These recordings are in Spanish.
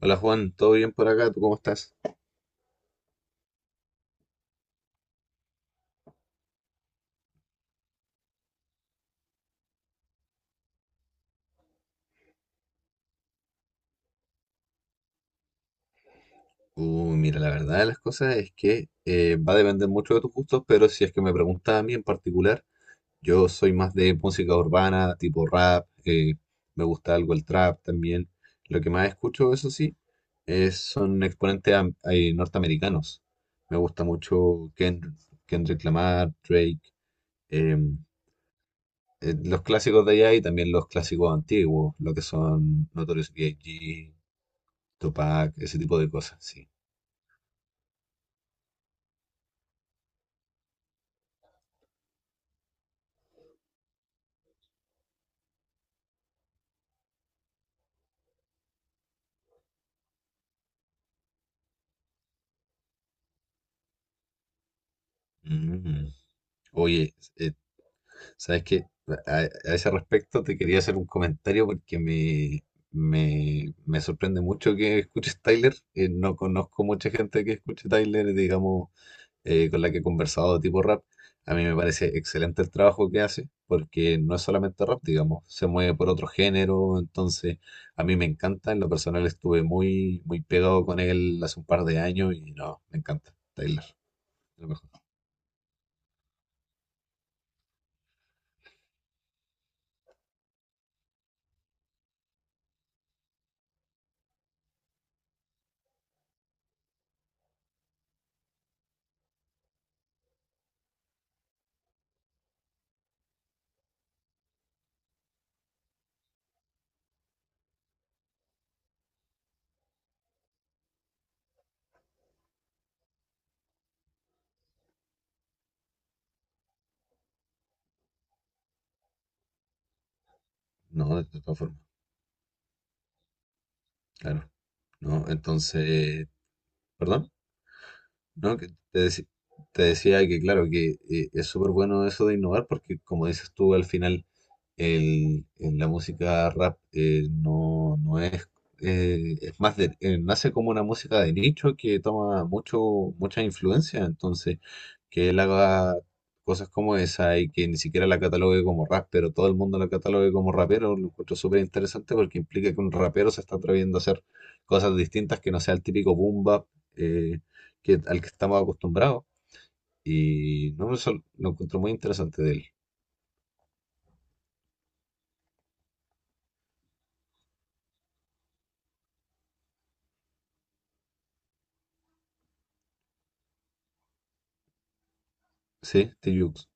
Hola Juan, ¿todo bien por acá? ¿Tú cómo estás? Uy, mira, la verdad de las cosas es que va a depender mucho de tus gustos, pero si es que me preguntas a mí en particular, yo soy más de música urbana, tipo rap. Me gusta algo el trap también. Lo que más escucho, eso sí, son exponentes norteamericanos. Me gusta mucho Kendrick, Kendrick Lamar, Drake, em, los clásicos de allá y también los clásicos antiguos, lo que son Notorious B.I.G., Tupac, ese tipo de cosas, sí. Mm. Oye, ¿sabes qué? A, a ese respecto te quería hacer un comentario porque me sorprende mucho que escuches Tyler. No conozco mucha gente que escuche Tyler, digamos, con la que he conversado de tipo rap. A mí me parece excelente el trabajo que hace porque no es solamente rap, digamos, se mueve por otro género. Entonces, a mí me encanta. En lo personal estuve muy, muy pegado con él hace un par de años y no, me encanta Tyler. Lo mejor. No, de todas formas, claro. No, entonces, ¿perdón? ¿No? Te decía que, claro, que es súper bueno eso de innovar porque, como dices tú, al final en la música rap, no, no es, es más de, nace como una música de nicho que toma mucha influencia. Entonces, que él haga cosas como esa y que ni siquiera la catalogue como rap, pero todo el mundo la catalogue como rapero, lo encuentro súper interesante porque implica que un rapero se está atreviendo a hacer cosas distintas que no sea el típico boom bap, eh, al que estamos acostumbrados. Y no me sol- lo encuentro muy interesante de él. Sí, Steve Jobs.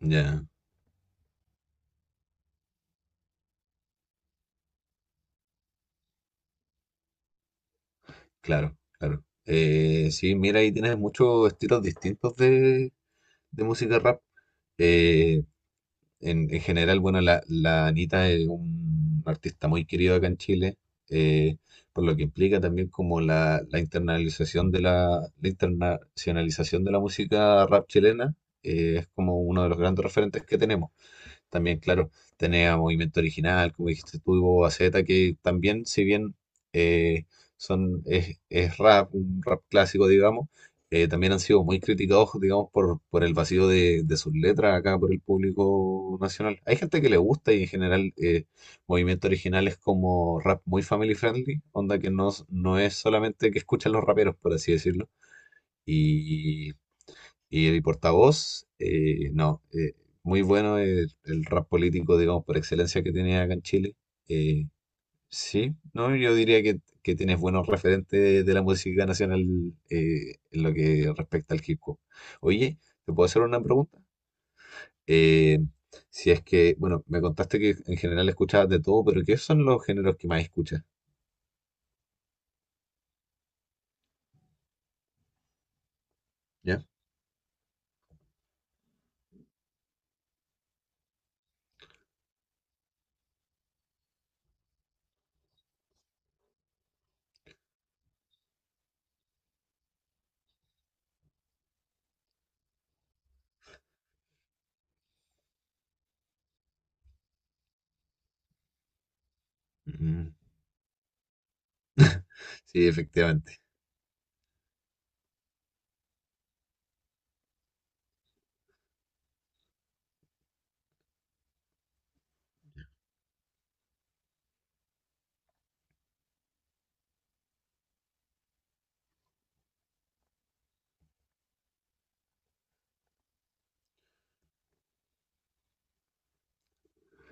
Ya, claro, claro. Sí, mira, ahí tienes muchos estilos distintos de música rap. Eh, en general, bueno, la Anita es un artista muy querido acá en Chile, eh, por lo que implica también como la internacionalización de la música rap chilena. Es como uno de los grandes referentes que tenemos. También, claro, tenía Movimiento Original, como dijiste tú, y Boba Fett, que también, si bien eh, es rap, un rap clásico, digamos. También han sido muy criticados, digamos, por el vacío de sus letras acá por el público nacional. Hay gente que le gusta y en general, Movimiento Original es como rap muy family friendly, onda que no, no es solamente que escuchan los raperos, por así decirlo. Y y el portavoz, no, muy bueno el rap político, digamos, por excelencia que tiene acá en Chile. Eh, sí, no, yo diría que tienes buenos referentes de la música nacional en lo que respecta al hip hop. Oye, ¿te puedo hacer una pregunta? Eh, si es que, bueno, me contaste que en general escuchabas de todo, pero ¿qué son los géneros que más escuchas? ¿Ya? Mm, sí, efectivamente.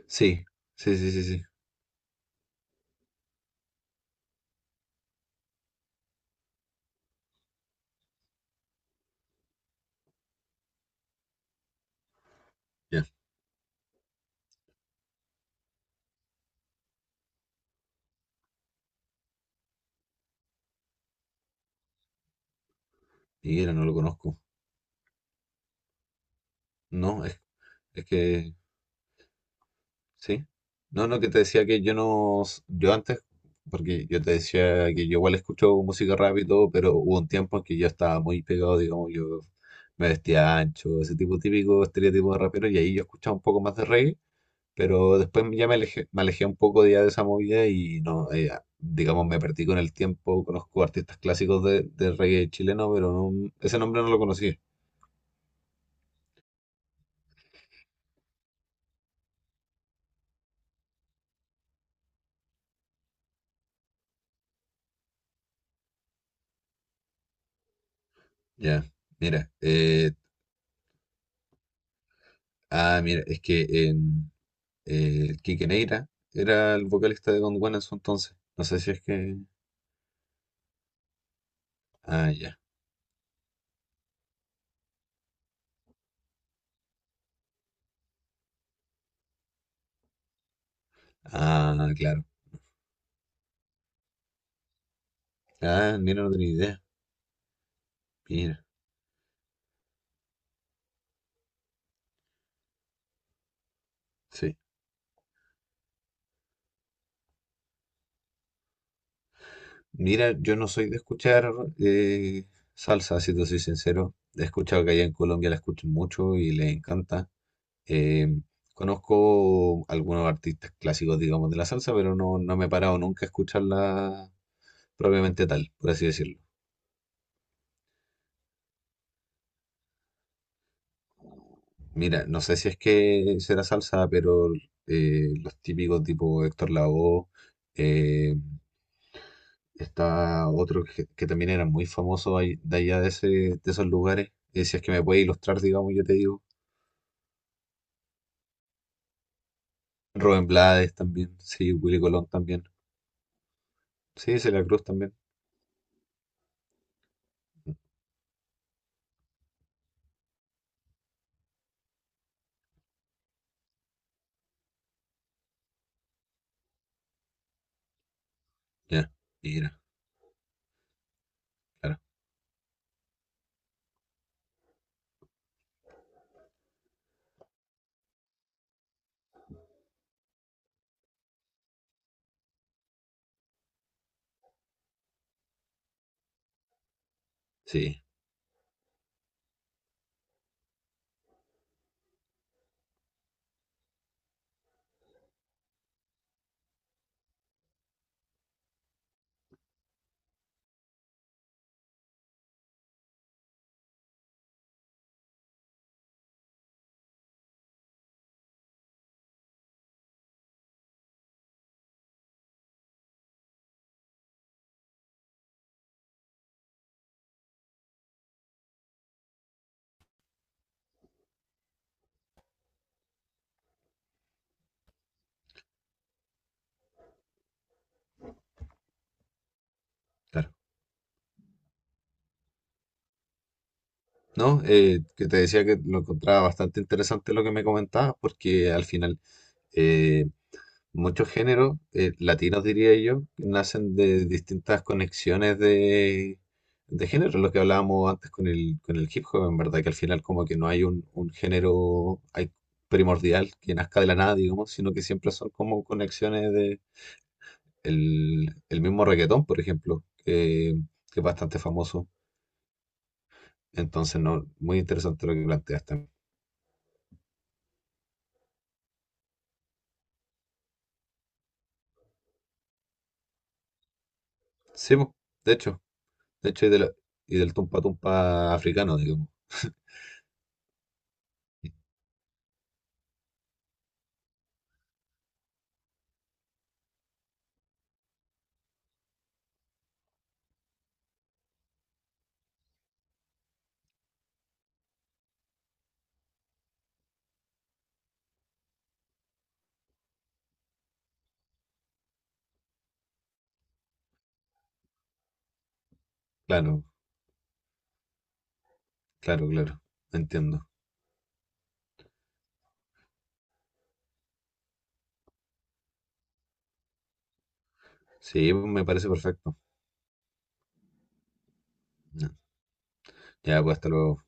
Sí, sí, sí, sí, sí. Ya. Mira, no lo conozco. No, es que Sí. No, no, que te decía que yo no, yo antes, porque yo te decía que yo igual escucho música rap y todo, pero hubo un tiempo en que yo estaba muy pegado, digamos, yo me vestía ancho, ese tipo típico estereotipo de rapero, y ahí yo escuchaba un poco más de reggae, pero después ya me alejé un poco ya de esa movida y no. Digamos, me perdí con el tiempo, conozco artistas clásicos de reggae chileno, pero ese nombre no lo conocí. Ya, mira, mira, es que en... El Quique Neira era el vocalista de Don Juan en su entonces. No sé si es que. Ah, ya. Ah, claro. Ah, mira, no tenía idea. Mira, sí. Mira, yo no soy de escuchar eh, salsa, si te soy sincero. He escuchado que allá en Colombia la escuchan mucho y les encanta. Eh, Conozco algunos artistas clásicos, digamos, de la salsa, pero no, no me he parado nunca a escucharla propiamente tal, por así decirlo. Mira, no sé si es que será salsa, pero los típicos tipo Héctor Lavoe, eh, está otro que también era muy famoso de allá de, ese, de esos lugares. Si es que me puede ilustrar, digamos, yo te digo. Rubén Blades también, sí, Willy Colón también. Sí, Celia Cruz también. Ya, mira, claro, sí, claro. No, que te decía que lo encontraba bastante interesante lo que me comentabas, porque al final eh, muchos géneros, latinos diría yo, nacen de distintas conexiones de género, lo que hablábamos antes con el hip hop, en verdad, que al final como que no hay un género hay primordial que nazca de la nada, digamos, sino que siempre son como conexiones de el mismo reggaetón, por ejemplo, que es bastante famoso. Entonces, no, muy interesante lo que planteas también. Sí, po, de hecho, de hecho, y del tumpa tumpa africano, digamos. Claro. Claro, claro. Entiendo. Sí, pues, me parece perfecto. Ya, pues hasta luego.